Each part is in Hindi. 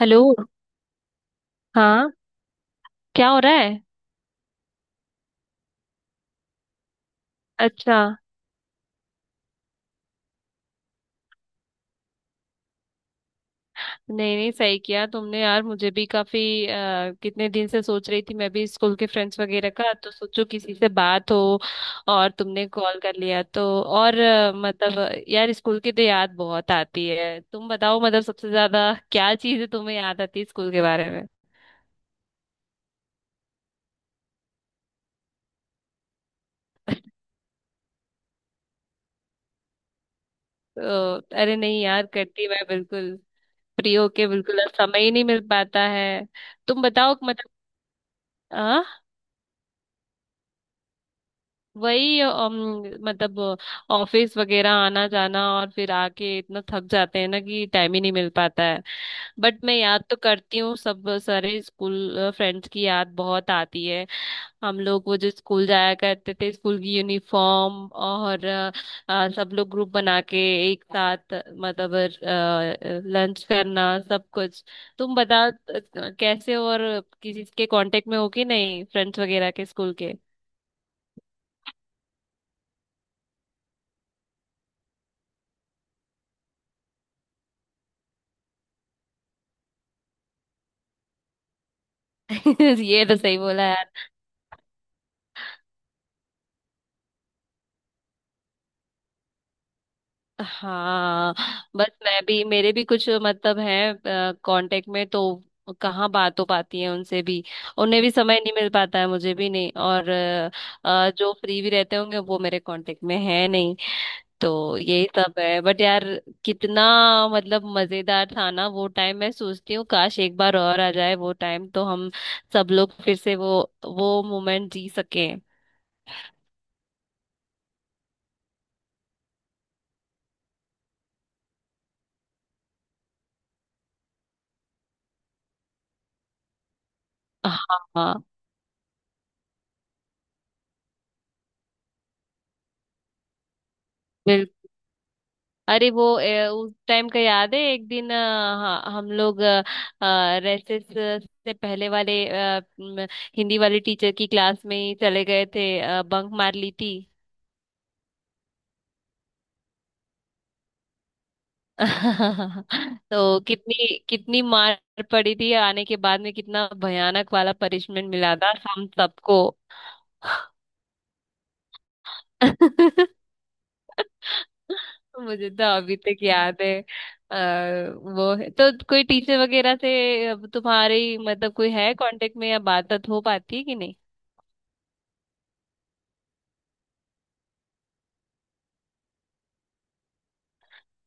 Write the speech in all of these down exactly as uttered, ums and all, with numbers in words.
हेलो। हाँ, क्या हो रहा है? अच्छा। नहीं नहीं, सही किया तुमने यार, मुझे भी काफी अ, कितने दिन से सोच रही थी, मैं भी स्कूल के फ्रेंड्स वगैरह का तो सोचो किसी से बात हो। और तुमने कॉल कर लिया तो। और अ, मतलब यार स्कूल की तो याद बहुत आती है। तुम बताओ मतलब सबसे ज्यादा क्या चीज़ तुम्हें याद आती है स्कूल के बारे में। तो अरे नहीं यार, करती मैं बिल्कुल। फ्री होके बिल्कुल, अब समय ही नहीं मिल पाता है। तुम बताओ मतलब। हाँ, वही अम, मतलब ऑफिस वगैरह आना जाना, और फिर आके इतना थक जाते हैं ना कि टाइम ही नहीं मिल पाता है। बट मैं याद तो करती हूँ, सब सारे स्कूल फ्रेंड्स की याद बहुत आती है। हम लोग वो जो स्कूल जाया करते थे, स्कूल की यूनिफॉर्म, और अ, अ, सब लोग ग्रुप बना के एक साथ मतलब लंच करना सब कुछ। तुम बता अ, कैसे हो, और किसी के कांटेक्ट में हो कि नहीं, फ्रेंड्स वगैरह के स्कूल के। ये तो सही बोला। हाँ, बस मैं भी, मेरे भी कुछ मतलब हैं कांटेक्ट में तो, कहाँ बात हो पाती है उनसे भी। उन्हें भी समय नहीं मिल पाता है, मुझे भी नहीं। और अ, अ, जो फ्री भी रहते होंगे वो मेरे कांटेक्ट में है नहीं। तो यही सब है। बट यार कितना मतलब मजेदार था ना वो टाइम, मैं सोचती हूँ काश एक बार और आ जाए वो टाइम तो हम सब लोग फिर से वो वो मोमेंट जी सके। हाँ बिल्कुल। अरे वो ए, उस टाइम का याद है? एक दिन अ, हाँ, हम लोग रेसेस से पहले वाले अ, म, हिंदी वाले टीचर की क्लास में ही चले गए थे, बंक मार ली थी। तो कितनी कितनी मार पड़ी थी आने के बाद में, कितना भयानक वाला पनिशमेंट मिला था हम सबको। मुझे तो अभी तक याद है। आ, वो है तो कोई टीचर वगैरह से अब तुम्हारी मतलब कोई है कांटेक्ट में या बात हो पाती है कि नहीं?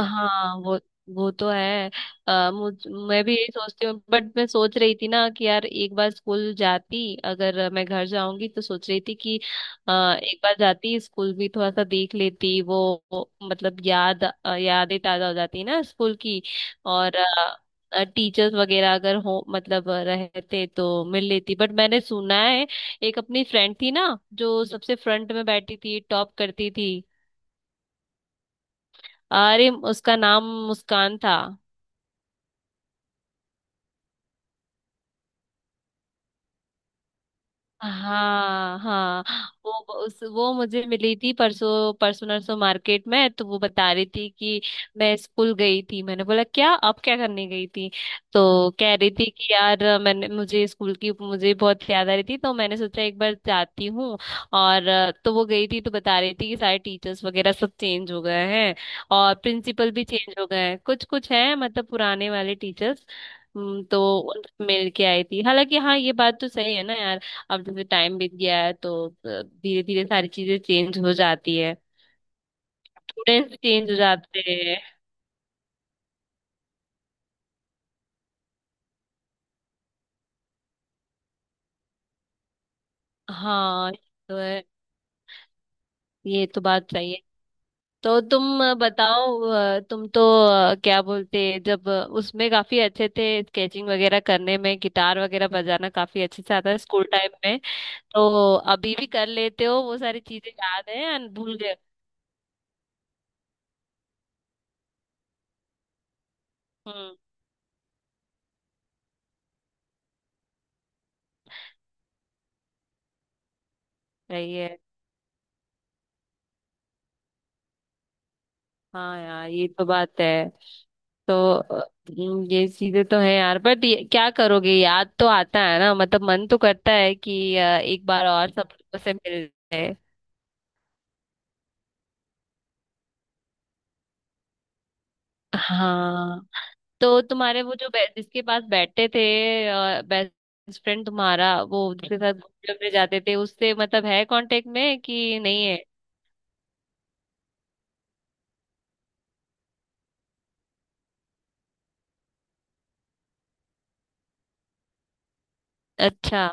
हाँ वो वो तो है। आ, मुझ मैं भी यही सोचती हूँ। बट मैं सोच रही थी ना कि यार एक बार स्कूल जाती, अगर मैं घर जाऊंगी तो सोच रही थी कि अ, एक बार जाती, स्कूल भी थोड़ा सा देख लेती, वो, वो मतलब याद अ, यादें ताजा हो जाती ना स्कूल की। और टीचर्स वगैरह अगर हो मतलब रहते तो मिल लेती। बट मैंने सुना है, एक अपनी फ्रेंड थी ना, जो सबसे फ्रंट में बैठी थी, टॉप करती थी। अरे उसका नाम मुस्कान था। हाँ हाँ। वो उस वो मुझे मिली थी परसों परसों नरसों मार्केट में, तो वो बता रही थी कि मैं स्कूल गई थी। मैंने बोला क्या आप क्या करने गई थी, तो कह रही थी कि यार मैंने मुझे स्कूल की, मुझे बहुत याद आ रही थी तो मैंने सोचा एक बार जाती हूँ। और अ, तो वो गई थी तो बता रही थी कि सारे टीचर्स वगैरह सब चेंज हो गए हैं। और प्रिंसिपल भी चेंज हो गए हैं, कुछ कुछ हैं मतलब पुराने वाले टीचर्स। हम्म, तो उन- मिल के आई थी। हालांकि हाँ ये बात तो सही है ना यार, अब जैसे टाइम बीत गया है तो धीरे धीरे सारी चीजें चेंज हो जाती है। स्टूडेंट्स चेंज हो जाते हैं। हाँ ये तो है, ये तो बात सही है। तो तुम अ, बताओ अ, तुम तो अ, क्या बोलते हैं, जब अ, उसमें काफी अच्छे थे, स्केचिंग वगैरह करने में, गिटार वगैरह बजाना काफी अच्छे से आता है स्कूल टाइम में। तो अभी भी कर लेते हो वो सारी चीजें, याद है या भूल गए? हम्म। सही है। हाँ यार ये तो बात है। तो अ, ये चीजें तो है यार। बट ये- क्या करोगे, याद तो आता है ना मतलब, मन तो करता है कि अ, एक बार और सब लोगों से मिल जाए। हाँ। तो तुम्हारे वो जो बै- जिसके पास बैठते थे, बेस्ट फ्रेंड तुम्हारा, वो जिसके साथ घूमने उमने जाते थे, उससे मतलब है कांटेक्ट में कि नहीं है? अच्छा।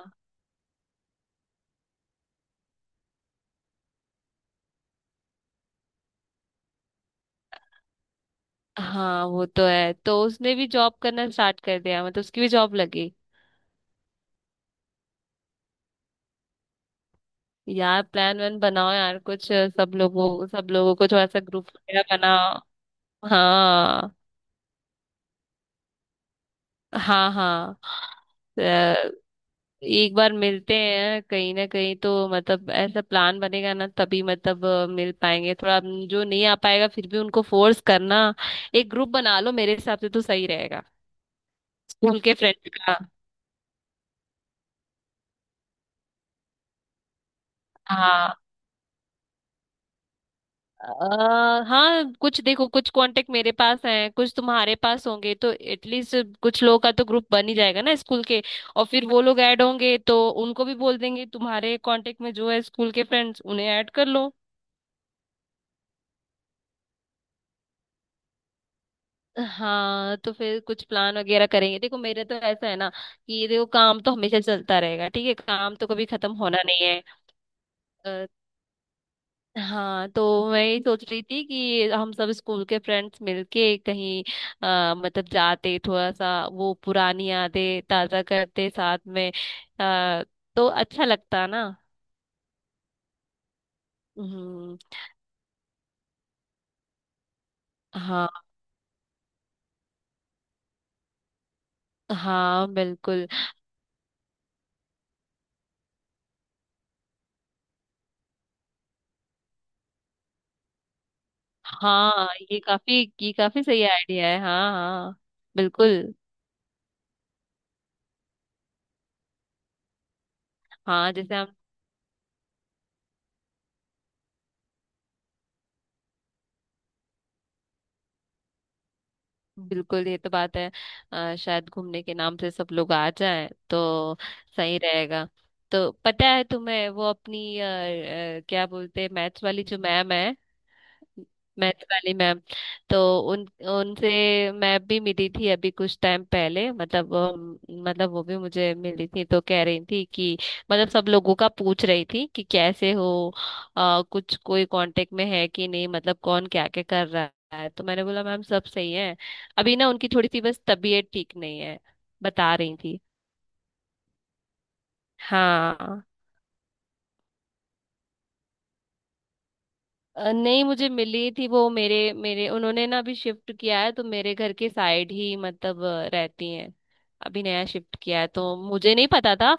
हाँ वो तो है, तो उसने भी जॉब करना स्टार्ट कर दिया मतलब, उसकी भी जॉब लगी। यार प्लान वन बनाओ यार कुछ, अ, सब लोगों सब लोगों को थोड़ा सा ग्रुप वगैरह बनाओ। हाँ हाँ हाँ। अ, एक बार मिलते हैं कहीं ना कहीं तो मतलब, ऐसा प्लान बनेगा ना तभी मतलब अ, मिल पाएंगे थोड़ा। अम, जो नहीं आ पाएगा फिर भी उनको फोर्स करना, एक ग्रुप बना लो, मेरे हिसाब से तो सही रहेगा। स्कूल के फ्रेंड्स का। हाँ अ, हाँ कुछ देखो, कुछ कांटेक्ट मेरे पास हैं, कुछ तुम्हारे पास होंगे, तो एटलीस्ट कुछ लोगों का तो ग्रुप बन ही जाएगा ना स्कूल के। और फिर वो लोग ऐड होंगे तो उनको भी बोल देंगे तुम्हारे कांटेक्ट में जो है स्कूल के फ्रेंड्स उन्हें ऐड कर लो। हाँ तो फिर कुछ प्लान वगैरह करेंगे। देखो मेरे तो ऐसा है ना कि ये देखो, काम तो हमेशा चलता रहेगा, ठीक है, काम तो कभी खत्म होना नहीं है। अ, हाँ तो मैं यही सोच रही थी कि हम सब स्कूल के फ्रेंड्स मिलके कहीं अ, मतलब जाते, थोड़ा सा वो पुरानी यादें ताजा करते साथ में। अ, तो अच्छा लगता ना। हम्म। हाँ हाँ बिल्कुल। हाँ, ये काफी, ये काफी सही आइडिया है। हाँ हाँ बिल्कुल। हाँ जैसे हम। बिल्कुल, ये तो बात है। अ, शायद घूमने के नाम से सब लोग आ जाएं तो सही रहेगा। तो पता है तुम्हें वो अपनी अ, अ, क्या बोलते हैं, मैथ्स वाली जो मैम है, मैथ वाली मैम, तो उन उनसे मैं भी मिली थी अभी कुछ टाइम पहले मतलब। अम, मतलब वो भी मुझे मिली थी तो कह रही थी कि, मतलब सब लोगों का पूछ रही थी कि कैसे हो, अ, कुछ कोई कांटेक्ट में है कि नहीं, मतलब कौन क्या क्या कर रहा है। तो मैंने बोला मैम सब सही है। अभी ना उनकी थोड़ी सी बस तबीयत ठीक नहीं है बता रही थी। हाँ। अ, नहीं, मुझे मिली थी वो। मेरे मेरे उन्होंने ना अभी शिफ्ट किया है तो मेरे घर के साइड ही मतलब अ, रहती हैं। अभी नया शिफ्ट किया है तो मुझे नहीं पता था।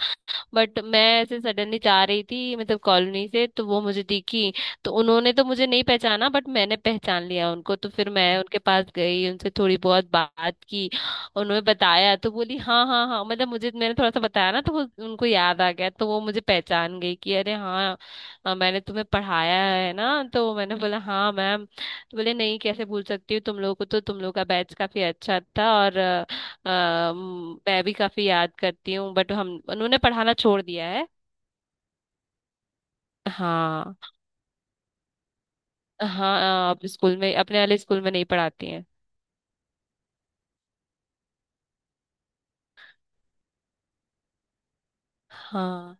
बट मैं ऐसे सडनली जा रही थी मतलब कॉलोनी से, तो वो मुझे दिखी। तो उन्होंने तो मुझे नहीं पहचाना, बट मैंने पहचान लिया उनको। तो फिर मैं उनके पास गई, उनसे थोड़ी बहुत बात की, उन्होंने बताया तो बोली हाँ हाँ हाँ मतलब, मुझे मैंने थोड़ा सा बताया ना तो वो उनको याद आ गया तो वो मुझे पहचान गई कि अरे हाँ अ, मैंने तुम्हें पढ़ाया है ना। तो मैंने बोला हाँ मैम। तो बोले नहीं कैसे भूल सकती हूँ तुम लोगों को, तो तुम लोग का बैच काफी अच्छा था और आ, मैं भी काफी याद करती हूँ। बट हम उन्होंने पढ़ाना छोड़ दिया है। हाँ। हाँ अब स्कूल में, अपने वाले स्कूल में नहीं पढ़ाती हैं। हाँ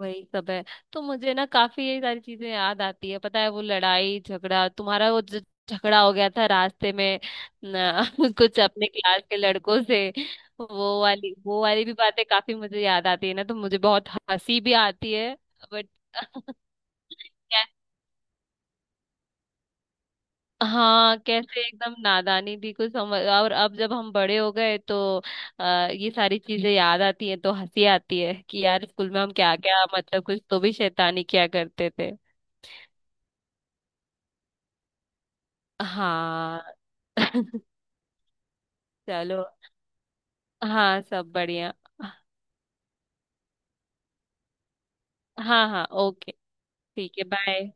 वही सब है। तो मुझे ना काफी ये सारी चीजें याद आती है, पता है वो लड़ाई झगड़ा तुम्हारा, वो जो झगड़ा हो गया था रास्ते में ना, कुछ अपने क्लास के लड़कों से, वो वाली वो वाली भी बातें काफी मुझे याद आती है ना, तो मुझे बहुत हंसी भी आती है। बट हाँ कैसे एकदम नादानी थी, कुछ समझ। और अब जब हम बड़े हो गए तो अ, ये सारी चीजें याद आती है तो हंसी आती है कि यार स्कूल में हम क्या क्या मतलब कुछ तो भी शैतानी किया करते थे। हाँ। चलो। हाँ सब बढ़िया। हाँ हाँ ओके। ठीक है बाय।